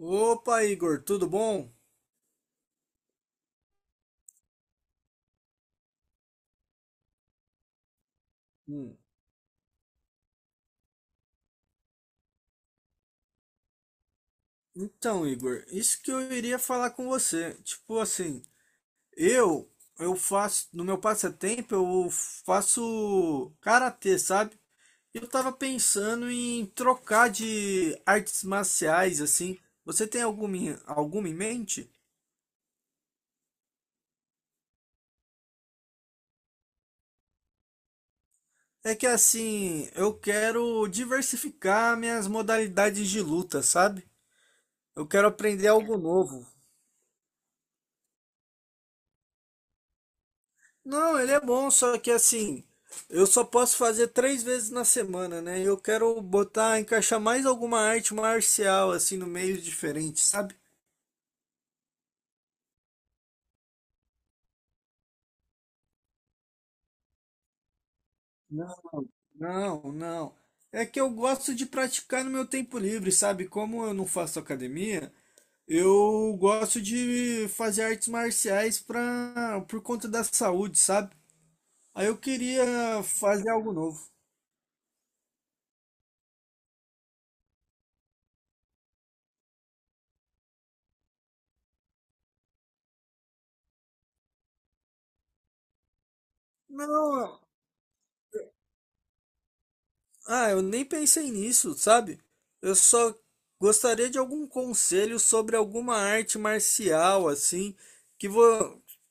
Opa, Igor, tudo bom? Hum. Então, Igor, isso que eu iria falar com você. Tipo assim, eu eu faço no meu passatempo eu faço karatê, sabe? Eu tava pensando em trocar de artes marciais assim. Você tem alguma em mente? É que assim, eu quero diversificar minhas modalidades de luta, sabe? Eu quero aprender algo novo. Não, ele é bom, só que assim, eu só posso fazer três vezes na semana, né? Eu quero botar, encaixar mais alguma arte marcial, assim, no meio diferente, sabe? Não, não, não. É que eu gosto de praticar no meu tempo livre, sabe? Como eu não faço academia, eu gosto de fazer artes marciais pra, por conta da saúde, sabe? Aí eu queria fazer algo novo. Não, ah, eu nem pensei nisso, sabe? Eu só gostaria de algum conselho sobre alguma arte marcial, assim, que, vo...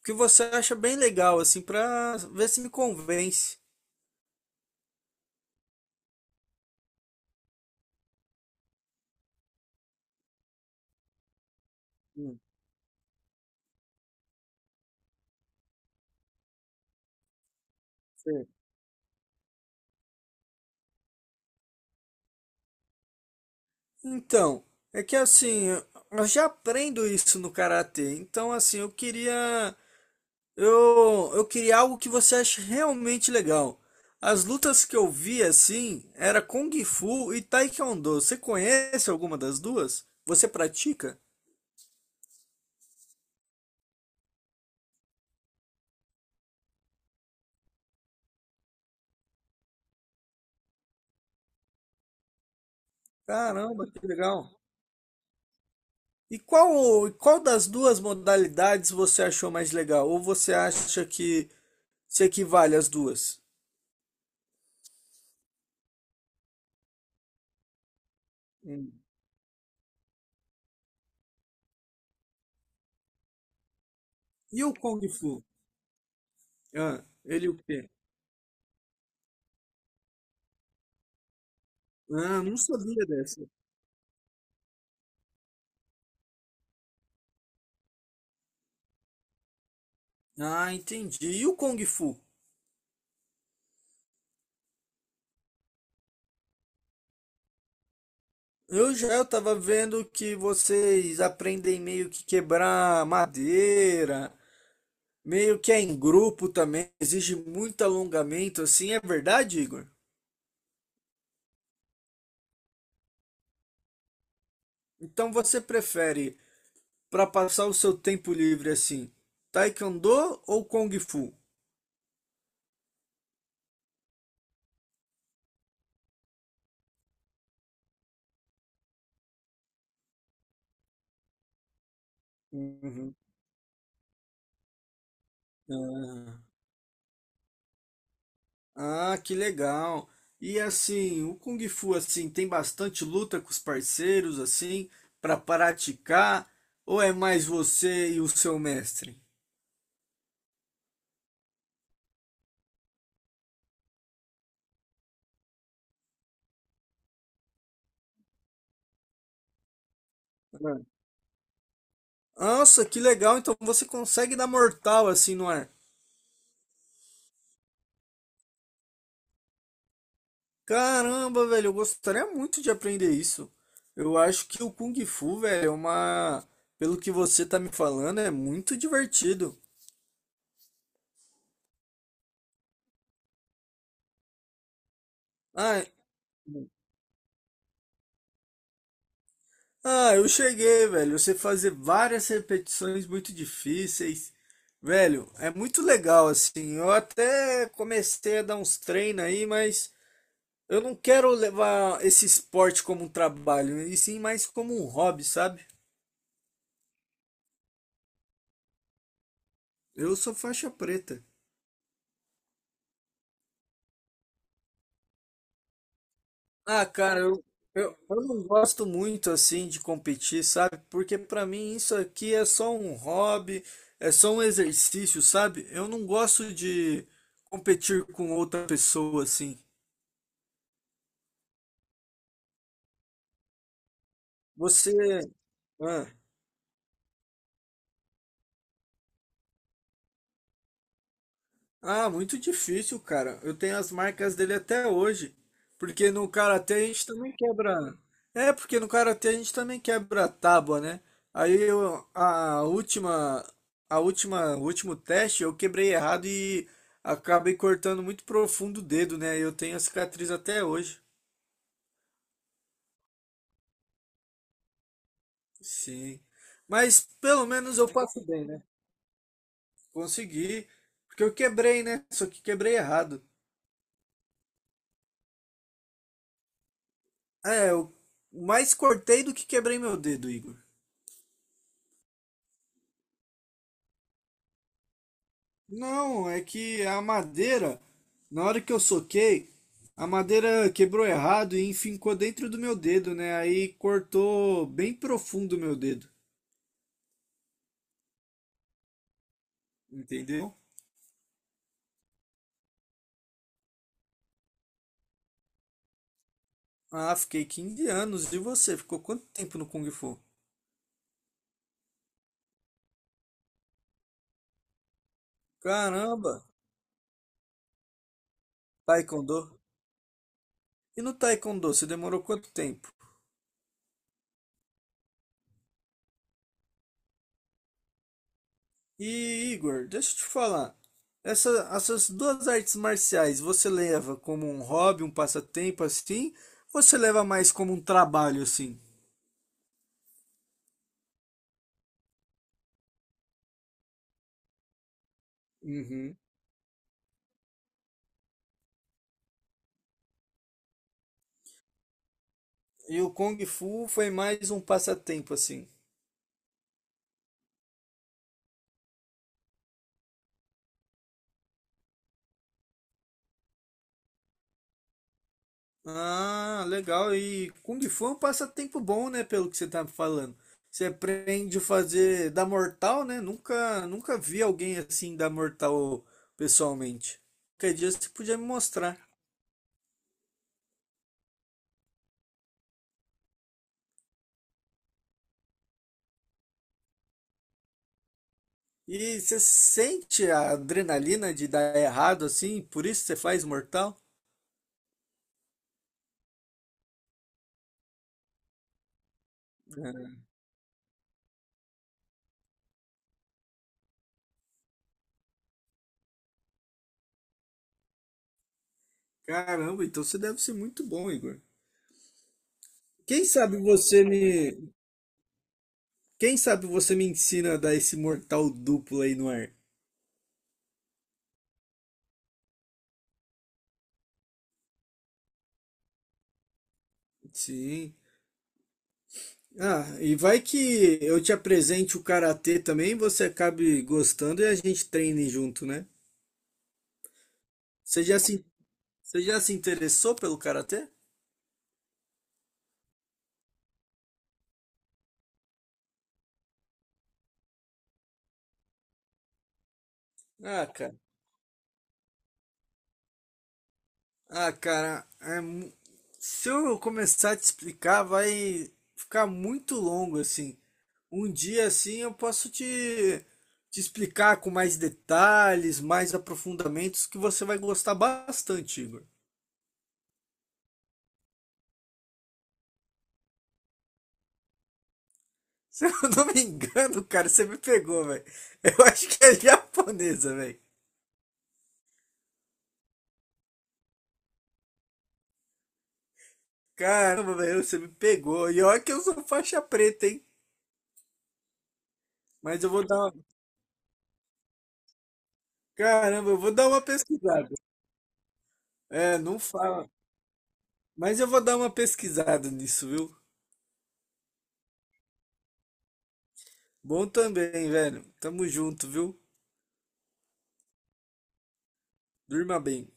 que você acha bem legal, assim, pra ver se me convence. Hum, sei. Então, é que assim, eu já aprendo isso no karatê, então assim, eu queria algo que você ache realmente legal. As lutas que eu vi assim era Kung Fu e Taekwondo. Você conhece alguma das duas? Você pratica? Caramba, que legal. E qual das duas modalidades você achou mais legal? Ou você acha que se equivale às duas? Hum. E o Kung Fu? Ah, ele o quê? Ah, não sabia dessa. Ah, entendi. E o Kung Fu? Eu tava vendo que vocês aprendem meio que quebrar madeira, meio que é em grupo também, exige muito alongamento, assim, é verdade, Igor? Então você prefere para passar o seu tempo livre assim, Taekwondo ou Kung Fu? Uhum. Ah, ah, que legal. E assim, o Kung Fu assim tem bastante luta com os parceiros assim para praticar ou é mais você e o seu mestre? Nossa, que legal. Então você consegue dar mortal assim no ar. Caramba, velho, eu gostaria muito de aprender isso. Eu acho que o Kung Fu, velho, é uma. Pelo que você tá me falando, é muito divertido. Ah, ah, eu cheguei, velho. Você fazer várias repetições muito difíceis. Velho, é muito legal, assim. Eu até comecei a dar uns treinos aí, mas eu não quero levar esse esporte como um trabalho, e sim mais como um hobby, sabe? Eu sou faixa preta. Ah, cara, eu não gosto muito assim de competir, sabe? Porque pra mim isso aqui é só um hobby, é só um exercício, sabe? Eu não gosto de competir com outra pessoa assim. Você. Ah. Ah, muito difícil, cara. Eu tenho as marcas dele até hoje. Porque no karatê a gente também quebra. É, porque no karatê a gente também quebra a tábua, né? Aí eu, o último teste eu quebrei errado e acabei cortando muito profundo o dedo, né? Eu tenho a cicatriz até hoje. Sim. Mas pelo menos eu passo bem, né? Consegui. Porque eu quebrei, né? Só que quebrei errado. É, eu mais cortei do que quebrei meu dedo, Igor. Não, é que a madeira, na hora que eu soquei, a madeira quebrou errado e enfincou dentro do meu dedo, né? Aí cortou bem profundo o meu dedo, entendeu? Ah, fiquei 15 anos. E você? Ficou quanto tempo no Kung Fu? Caramba! Taekwondo? E no Taekwondo, você demorou quanto tempo? E Igor, deixa eu te falar. Essa, essas duas artes marciais, você leva como um hobby, um passatempo assim? Ou você leva mais como um trabalho assim? Uhum. E o Kung Fu foi mais um passatempo, assim. Ah, legal. E Kung Fu é um passatempo bom, né? Pelo que você tá falando. Você aprende a fazer dar mortal, né? Nunca, nunca vi alguém assim dar mortal pessoalmente. Qualquer dia você podia me mostrar. E você sente a adrenalina de dar errado assim? Por isso você faz mortal? Caramba, então você deve ser muito bom, Igor. Quem sabe você me, Quem sabe você me ensina a dar esse mortal duplo aí no ar? Sim. Ah, e vai que eu te apresente o karatê também, você acabe gostando e a gente treine junto, né? Você já se, Você já se interessou pelo karatê? Ah, cara. Ah, cara, se eu começar a te explicar, vai ficar muito longo assim. Um dia assim eu posso te explicar com mais detalhes, mais aprofundamentos que você vai gostar bastante, Igor. Se eu não me engano, cara, você me pegou, velho. Eu acho que é japonesa, velho. Caramba, velho, você me pegou. E olha que eu sou faixa preta, hein? Mas eu vou dar uma... Caramba, eu vou dar uma pesquisada. É, não fala. Mas eu vou dar uma pesquisada nisso, viu? Bom também, velho. Tamo junto, viu? Durma bem.